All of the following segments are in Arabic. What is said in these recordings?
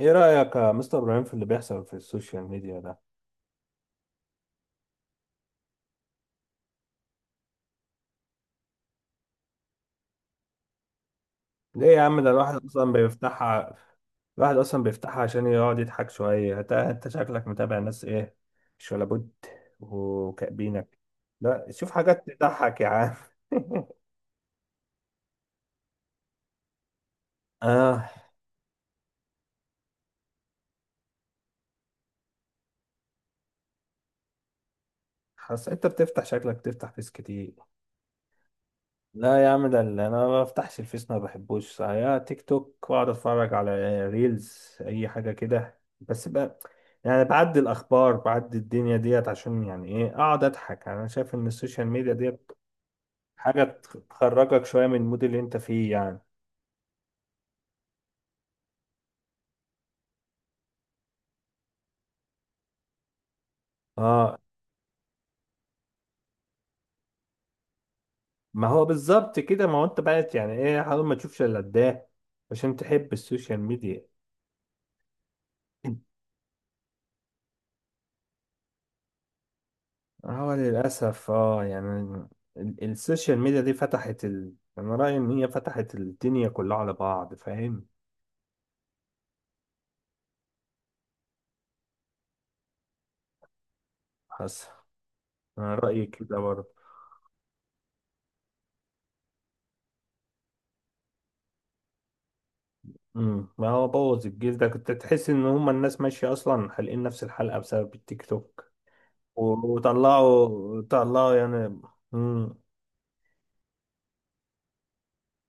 ايه رأيك يا مستر ابراهيم في اللي بيحصل في السوشيال ميديا ده؟ ليه يا عم ده الواحد اصلا بيفتحها. الواحد اصلا بيفتحها عشان يقعد يضحك شوية. انت شكلك متابع ناس ايه؟ مش ولا بد. وكأبينك. لا شوف حاجات تضحك يا عم. اه، حاسس انت بتفتح، شكلك بتفتح فيس كتير. لا يا عم، ده اللي انا ما بفتحش الفيس، ما بحبوش، يا تيك توك واقعد اتفرج على ريلز اي حاجه كده بس بقى. يعني بعدي الاخبار، بعدي الدنيا ديت عشان، يعني ايه، اقعد اضحك. يعني انا شايف ان السوشيال ميديا ديت حاجه تخرجك شويه من المود اللي انت فيه يعني. اه، ما هو بالظبط كده. ما هو انت بقيت، يعني ايه، حاول ما تشوفش الا ده عشان تحب السوشيال ميديا. هو للأسف اه يعني، السوشيال ميديا دي فتحت أنا رأيي إن هي فتحت الدنيا كلها على بعض، فاهم. حاسس. أنا رأيي كده برضه. امم، ما هو بوظ الجيل ده. كنت تحس إن هما الناس ماشية أصلا حالقين نفس الحلقة بسبب التيك توك. وطلعوا طلعوا يعني. امم.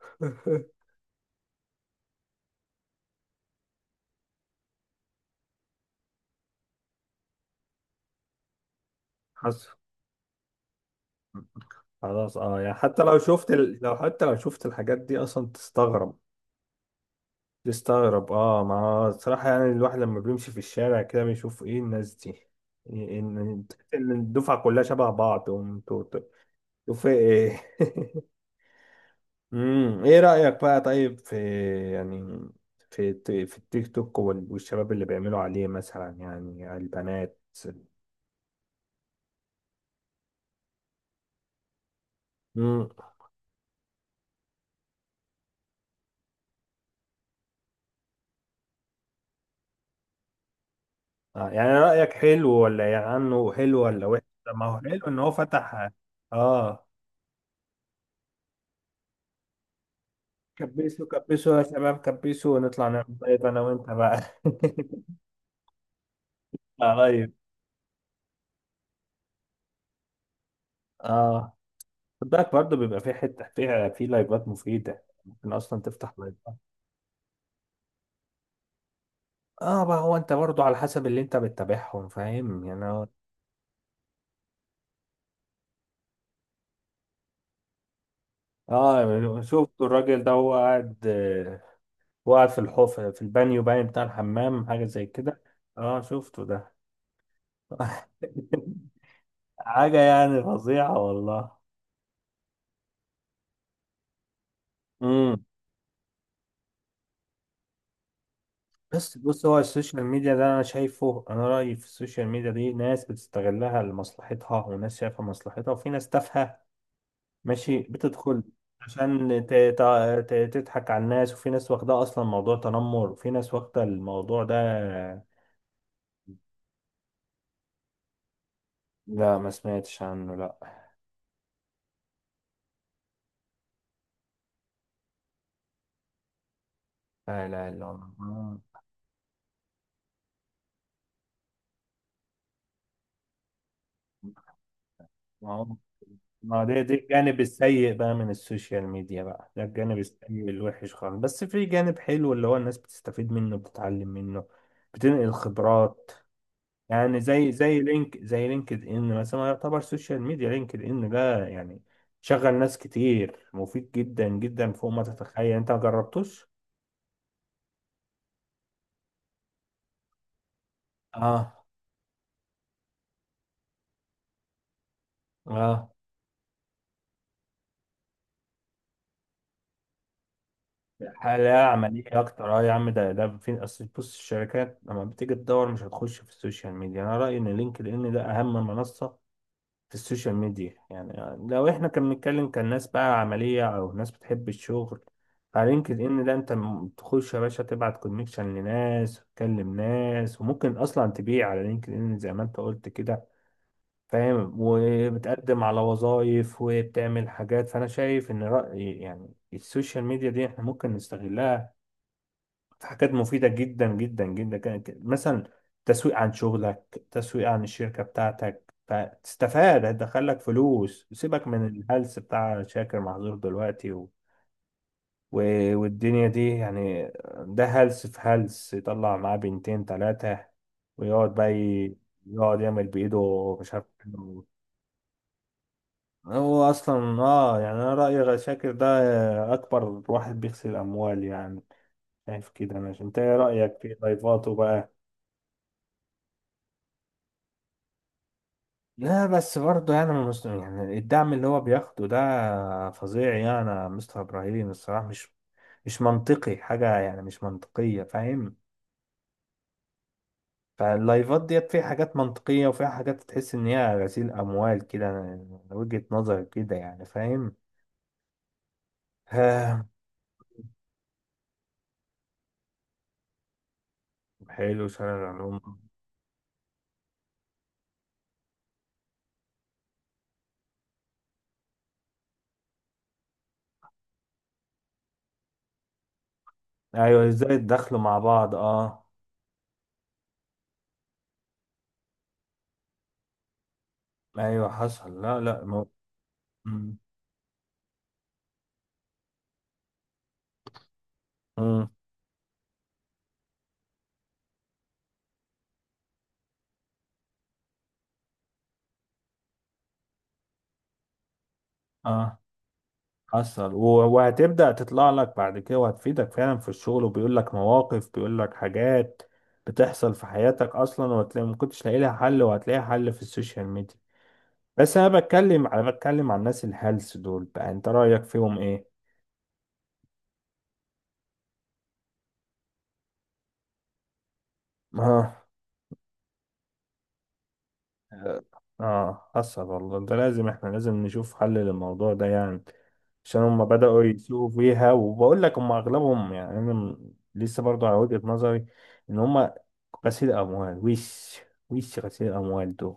حاسس. خلاص اه، يعني حتى لو شفت لو حتى لو شفت الحاجات دي أصلا تستغرب. تستغرب اه. ما الصراحة يعني الواحد لما بيمشي في الشارع كده بيشوف ايه الناس دي. ان تحس ان الدفعة كلها شبه بعض وانتوا في ايه. امم، ايه رأيك بقى، طيب، في، يعني، في في التيك توك والشباب اللي بيعملوا عليه مثلا، يعني البنات. امم. آه، يعني رأيك حلو، ولا يعني عنه حلو ولا وحش؟ طب ما هو حلو ان هو فتح. اه. كبسوا، كبسوا يا شباب، كبسوا ونطلع نعمل دايت انا وانت بقى. لايف. اه. خد بالك برضه، بيبقى في حته، في لايفات مفيده، ممكن اصلا تفتح لايف. اه، ما هو انت برضه على حسب اللي انت بتتابعهم، فاهم يعني، اه شفت الراجل ده هو قاعد، آه، هو قاعد في الحوف، في البانيو، باين بتاع الحمام، حاجه زي كده. اه شفته ده. حاجه يعني فظيعه والله. امم. بس بص، هو السوشيال ميديا ده انا شايفه، انا رايي في السوشيال ميديا دي ناس بتستغلها لمصلحتها، وناس شايفه مصلحتها، وفي ناس تافهه. ماشي، بتدخل عشان تضحك على الناس. وفي ناس واخدة أصلا موضوع تنمر، وفي ناس واخدة الموضوع ده. لا ما سمعتش عنه، لا. لا إله إلا الله. ما، ما هو، ما ده ده الجانب السيء بقى من السوشيال ميديا بقى. ده الجانب السيء الوحش خالص. بس في جانب حلو اللي هو الناس بتستفيد منه، بتتعلم منه، بتنقل خبرات. يعني زي لينك، زي لينكد ان مثلا، يعتبر سوشيال ميديا. لينكد ان ده يعني شغل ناس كتير، مفيد جدا جدا فوق ما تتخيل. انت ما جربتوش؟ اه. اه. حالة عملية أكتر أه يا عم. ده في أصل، بص، الشركات لما بتيجي تدور مش هتخش في السوشيال ميديا. أنا رأيي إن لينكد إن ده أهم منصة في السوشيال ميديا يعني. لو احنا كنا بنتكلم كان ناس بقى عملية او ناس بتحب الشغل. على لينكد ان ده انت، تخش يا باشا، تبعت كونكشن لناس، تكلم ناس، وممكن اصلا تبيع على لينكد ان زي ما انت قلت كده، فاهم. وبتقدم على وظائف، وبتعمل حاجات. فانا شايف ان رأي يعني السوشيال ميديا دي احنا ممكن نستغلها حاجات مفيدة جدا جدا جدا جدا جداً. مثلا تسويق عن شغلك، تسويق عن الشركة بتاعتك، فتستفاد، هتدخلك فلوس. سيبك من الهلس بتاع شاكر، محظور دلوقتي. و... والدنيا دي يعني. ده هلس في هلس، يطلع معاه بنتين تلاتة ويقعد بقى يقعد يعمل بإيده، مش عارف هو أصلا. آه يعني، أنا رأيي شاكر ده أكبر واحد بيغسل أموال يعني، شايف كده أنا. أنت إيه رأيك في ضيفاته بقى؟ لا بس برضه يعني، يعني الدعم اللي هو بياخده ده فظيع يعني، يا مستر ابراهيم الصراحه، مش منطقي حاجه، يعني مش منطقيه، فاهم. فاللايفات ديت فيها حاجات منطقيه، وفيها حاجات تحس ان هي غسيل اموال كده، من وجهه نظري كده يعني، فاهم. آه، حلو شارع العلوم. ايوه، ازاي الدخل مع بعض؟ اه. ايوه حصل، لا لا، مم. مم. اه حصل. وهتبدأ تطلع لك بعد كده وهتفيدك فعلا في الشغل، وبيقول لك مواقف، بيقول لك حاجات بتحصل في حياتك أصلا، وهتلاقي ما كنتش لاقي لها حل، وهتلاقي حل في السوشيال ميديا. بس أنا بتكلم، أنا بتكلم عن الناس الهلس دول بقى، أنت رأيك فيهم إيه؟ اه. اه حصل والله. ده لازم، احنا لازم نشوف حل للموضوع ده يعني. عشان هم بدأوا يسوقوا فيها. وبقول لك هم اغلبهم يعني، انا لسه برضو على وجهة نظري ان هم غسيل اموال. وش، وش غسيل الاموال دول.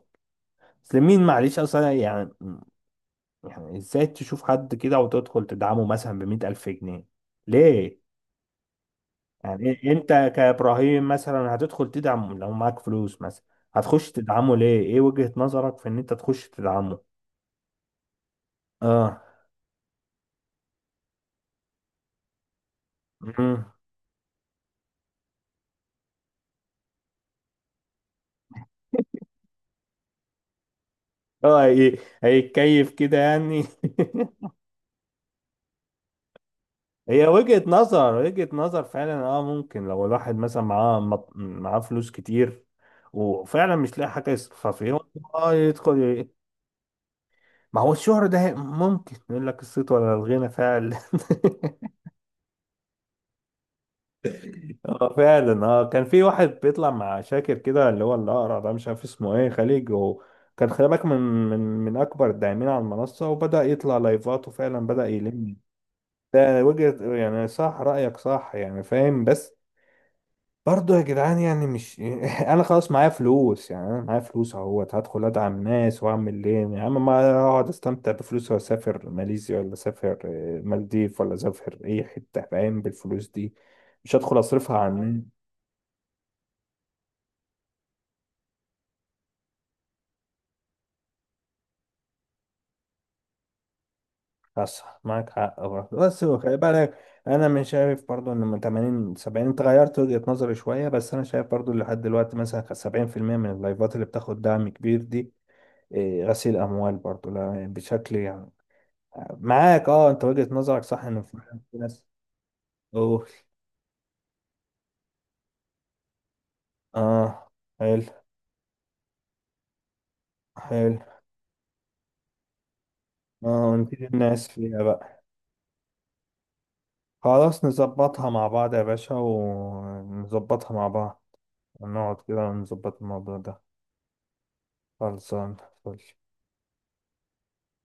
اصل مين، معلش اصلا يعني، يعني ازاي تشوف حد كده وتدخل تدعمه مثلا بمئة الف جنيه؟ ليه؟ يعني انت كابراهيم مثلا هتدخل تدعمه لو معاك فلوس مثلا؟ هتخش تدعمه ليه، ايه وجهة نظرك في ان انت تخش تدعمه؟ اه. مم. اه هيتكيف كده يعني. هي وجهة نظر، وجهة نظر فعلا اه. ممكن لو الواحد مثلا معاه معاه فلوس كتير وفعلا مش لاقي حاجة يصرفها فيه. اه يدخل ما هو الشهرة ده، ممكن يقول لك الصيت ولا الغنى فعلا. اه فعلا. اه كان في واحد بيطلع مع شاكر كده، اللي هو الأقرع ده، مش عارف اسمه ايه، خليج، وكان خلي بالك من، من أكبر الداعمين على المنصة، وبدأ يطلع لايفات وفعلا بدأ يلم. ده وجهة، يعني صح، رأيك صح يعني، فاهم. بس برضه يا جدعان يعني، مش انا خلاص معايا فلوس يعني، انا معايا فلوس اهوت، هدخل ادعم ناس واعمل ايه يا عم؟ ما اقعد استمتع بفلوسي واسافر ماليزيا، ولا اسافر، آه، مالديف، ولا اسافر اي حتة فاهم بالفلوس دي. مش هدخل اصرفها على الناس. صح معاك حق برضه، بس هو خلي بالك، انا مش شايف برضه ان، من 80 70 انت غيرت وجهة نظري شوية، بس انا شايف برضه لحد دلوقتي مثلا 70% من اللايفات اللي بتاخد دعم كبير دي إيه، غسيل اموال برضو، لا يعني، بشكل يعني، معاك اه، انت وجهة نظرك صح ان في، في ناس. اوه. اه. حلو. حلو. اه ونفيد الناس فيها بقى. خلاص نظبطها مع بعض يا باشا، ونظبطها مع بعض ونقعد كده ونظبط الموضوع ده. خلصان. فل.